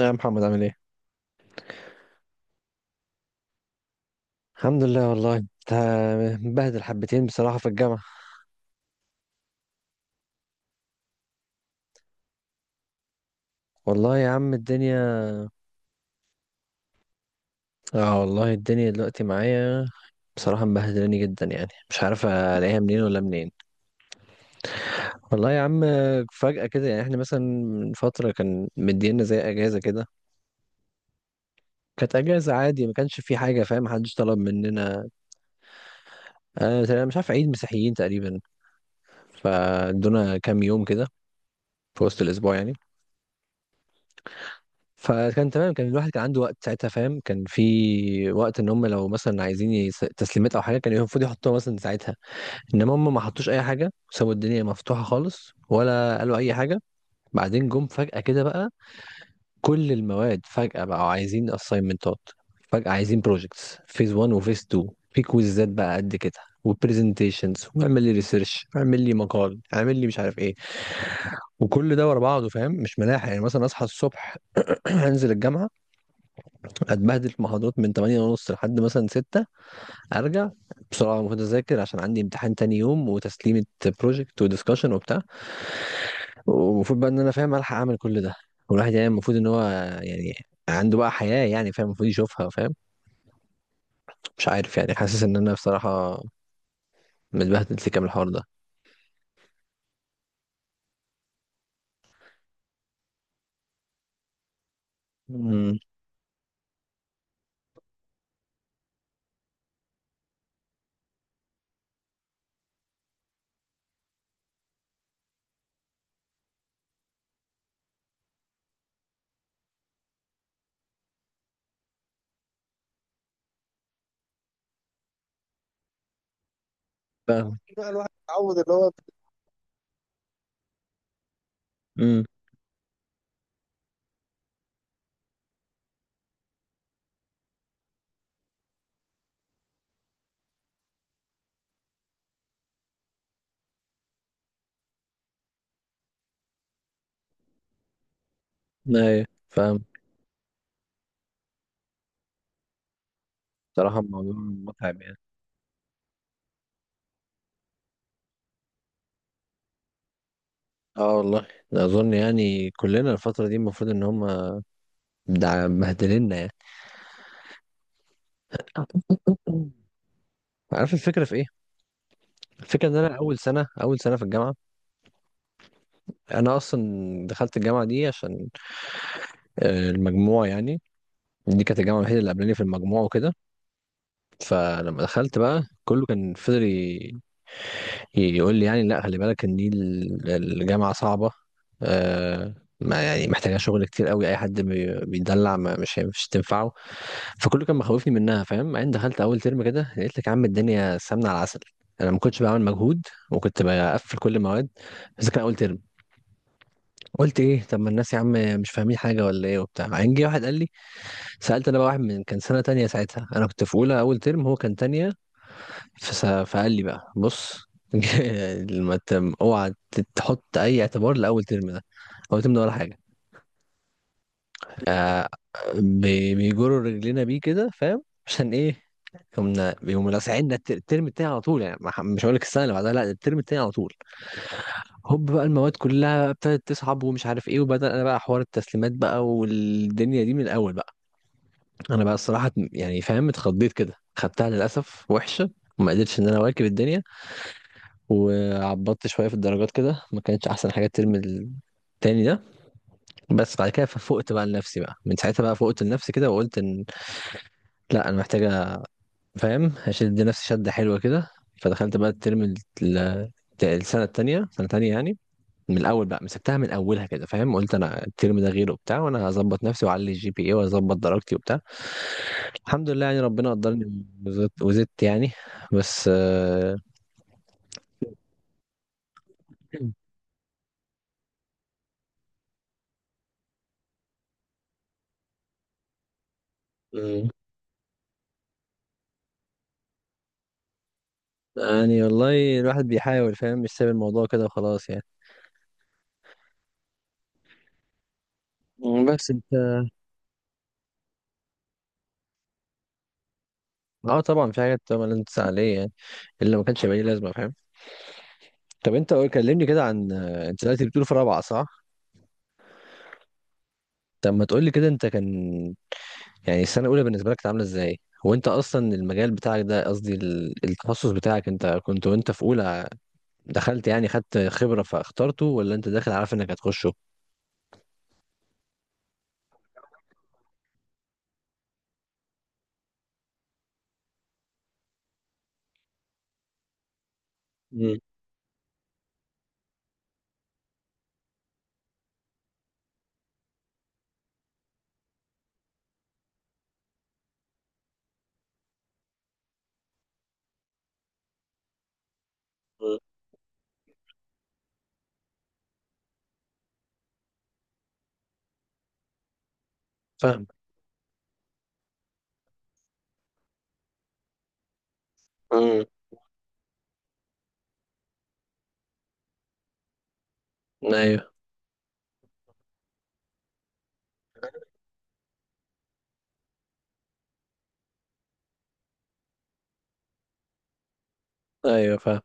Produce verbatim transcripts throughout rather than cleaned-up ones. يا محمد عامل ايه؟ الحمد لله والله انت مبهدل حبتين بصراحة في الجامعة. والله يا عم الدنيا. اه والله الدنيا دلوقتي معايا بصراحة مبهدلاني جدا يعني مش عارف الاقيها منين ولا منين. والله يا عم، فجأة كده يعني احنا مثلا من فترة كان مدينا زي اجازة كده. كانت اجازة عادي ما كانش في حاجة فاهم، محدش طلب مننا. انا مش عارف عيد مسيحيين تقريبا، فادونا كام يوم كده في وسط الاسبوع يعني. فكان تمام، كان الواحد كان عنده وقت ساعتها فاهم، كان في وقت ان هم لو مثلا عايزين يس- تسليمات او حاجه كان المفروض يحطوها مثلا ساعتها. انما هم ما حطوش اي حاجه، سابوا الدنيا مفتوحه خالص ولا قالوا اي حاجه. بعدين جم فجاه كده بقى. كل المواد فجاه بقوا عايزين اساينمنتات، فجاه عايزين بروجكتس فيز وان وفيز اتنين، في كويزات بقى قد كده وبرزنتيشنز واعمل لي ريسيرش اعمل لي مقال اعمل لي مش عارف ايه. وكل ده ورا بعضه فاهم مش ملاحق يعني، مثلا اصحى الصبح، انزل الجامعه، اتبهدل في محاضرات من تمانية ونص لحد مثلا ستة، ارجع بسرعه المفروض اذاكر عشان عندي امتحان تاني يوم وتسليمه بروجكت ودiscussion وبتاع. ومفروض بقى ان انا فاهم الحق اعمل كل ده. والواحد يعني المفروض ان هو يعني عنده بقى حياه يعني فاهم المفروض يشوفها فاهم. مش عارف يعني حاسس ان انا بصراحه متبهدل في كام الحوار ده. امم. فاهم بقى الواحد اتعود اللي هو. امم. ايوه فاهم. بصراحه الموضوع متعب يعني. اه والله ده اظن يعني كلنا الفتره دي المفروض ان هم مبهدلنا يعني. عارف الفكرة في ايه؟ الفكرة ان انا اول سنة اول سنة في الجامعة. انا اصلا دخلت الجامعة دي عشان آه، المجموع يعني. دي كانت الجامعة الوحيدة اللي قبلاني في المجموع وكده. فلما دخلت بقى كله كان فضل ي- يقول لي يعني لا خلي بالك ان دي ال- الجامعة صعبة. آه، ما يعني محتاجة شغل كتير قوي، اي حد بي- بيدلع ما مش مش تنفعه. فكله كان مخوفني منها فاهم. بعدين دخلت اول ترم كده لقيت لك يا عم الدنيا سمنه على العسل. انا ما كنتش بعمل مجهود وكنت بقفل كل المواد، بس كان اول ترم. قلت ايه طب ما الناس يا عم مش فاهمين حاجه ولا ايه وبتاع. بعدين جه واحد قال لي، سالت انا بقى واحد من كان سنه تانية ساعتها، انا كنت في اولى اول ترم هو كان تانية، فس- فقال لي بقى بص لما تم- اوعى تحط اي اعتبار لاول ترم ده، اول ترم ده ولا حاجه. آه، بي- بيجروا رجلينا بيه كده فاهم عشان ايه. كنا بيقوموا لاسعيننا الت- الترم التاني على طول يعني، ما ح- مش هقول لك السنه اللي بعدها، لا الترم التاني على طول. هوب بقى المواد كلها ابتدت تصعب ومش عارف ايه، وبدا انا بقى حوار التسليمات بقى والدنيا دي من الاول بقى. انا بقى الصراحه اتم- يعني فاهم اتخضيت كده، خدتها للاسف وحشه وما قدرتش ان انا اواكب الدنيا. وعبطت شويه في الدرجات كده، ما كانتش احسن حاجه الترم التاني ده. بس بعد كده ففقت بقى لنفسي، بقى من ساعتها بقى فقت لنفسي كده وقلت ان لا انا محتاجه فاهم هشد نفسي شدة حلوة كده. فدخلت بقى الترم ال- ال- السنة التانية سنة تانية يعني، من الأول بقى مسكتها من أولها كده فاهم. قلت أنا الترم ده غيره وبتاع وأنا هظبط نفسي وأعلي الجي بي إيه وأظبط درجتي وبتاع. الحمد لله يعني ربنا قدرني وزدت, وزدت يعني. بس آه، مم. يعني والله الواحد بيحاول فاهم مش سايب الموضوع كده وخلاص يعني. مم، بس انت. اه طبعا في حاجات طبعا لازم تسأل عليها يعني، اللي ما كانش يبقى ليه لازمه فاهم. طب انت قول- كلمني كده عن آه، انت دلوقتي بتقول في رابعه صح؟ طب ما تقولي كده انت كان، يعني السنة الأولى بالنسبة لك كانت عاملة ازاي؟ وانت أصلا المجال بتاعك، ده قصدي ال- التخصص بتاعك، انت كنت وانت في أولى دخلت يعني خدت خبرة فاخترته، ولا انت داخل عارف انك هتخشه؟ مم. مم. فاهم. مم. ايوه. ايوه فاهم.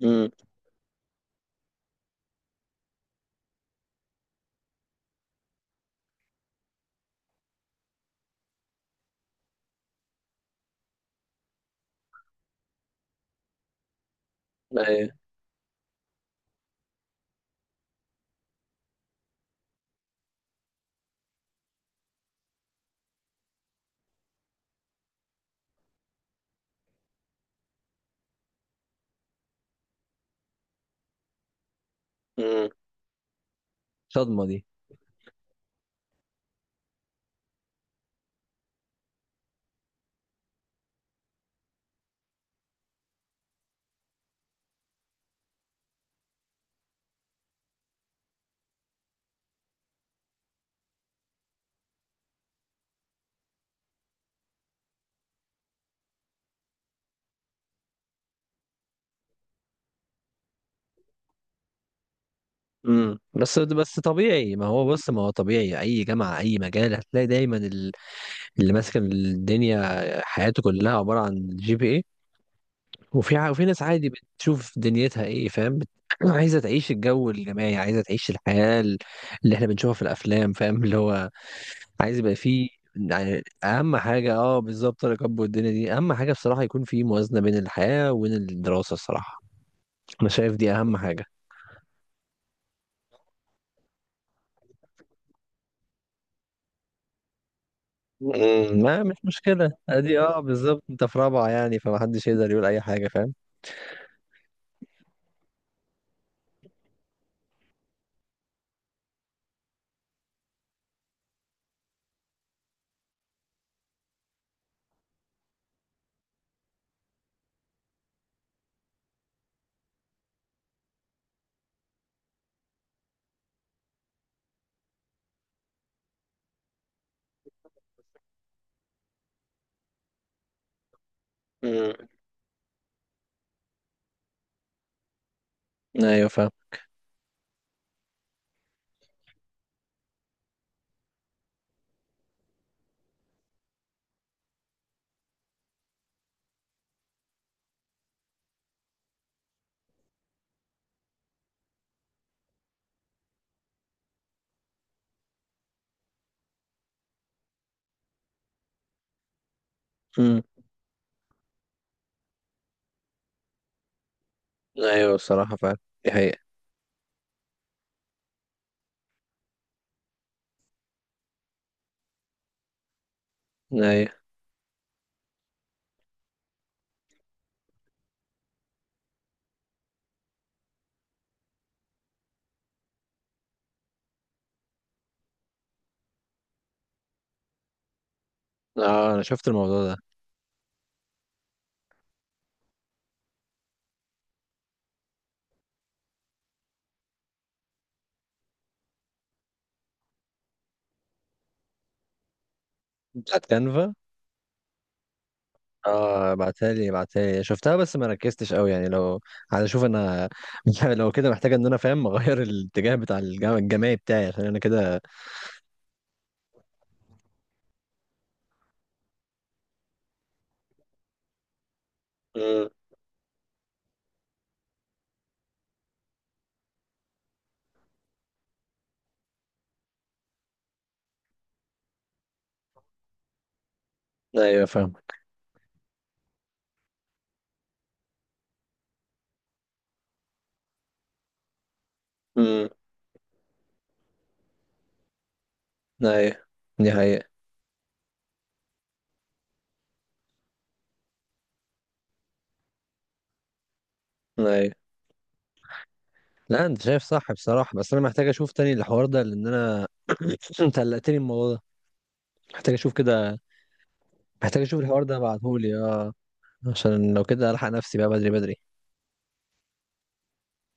مم. ايوه. مم. صدمة دي. مم. بس بس طبيعي، ما هو بص ما هو طبيعي، أي جامعة أي مجال هتلاقي دايما ال- اللي ماسك الدنيا حياته كلها عبارة عن جي بي، وفي ع- وفي ناس عادي بتشوف دنيتها ايه فاهم بت- عايزه تعيش الجو الجماعي، عايزه تعيش الحياه ال- اللي احنا بنشوفها في الافلام فاهم اللي هو عايز يبقى فيه. يعني اهم حاجه اه بالظبط الركب والدنيا دي اهم حاجه بصراحه، يكون في موازنه بين الحياه وبين الدراسه الصراحه. انا شايف دي اهم حاجه. مم، ما مش مشكله، ادي اه بالظبط، انت في رابعه يعني فمحدش يقدر يقول اي حاجه فاهم. مم، ايوه فاهم. مم، ايوه الصراحه فاهم دي حقيقه. ايوه. اه انا شفت الموضوع ده. بتاعت كانفا. اه ابعتها لي، ابعتها لي شفتها بس ما ركزتش قوي يعني، لو عايز اشوف انا. لو كده محتاج ان انا فاهم اغير الاتجاه بتاع الجام- الجماعي بتاعي عشان انا كده. امم. ايوه فاهم. امم. ايوه دي حقيقة. ايوه لا انت شايف صح بصراحة، بس انا محتاج اشوف تاني الحوار ده لان انا انت قلقتني من الموضوع ده، محتاج اشوف كده. محتاج اشوف الحوار ده ابعتهولي اه، عشان لو كده الحق نفسي بقى بدري بدري.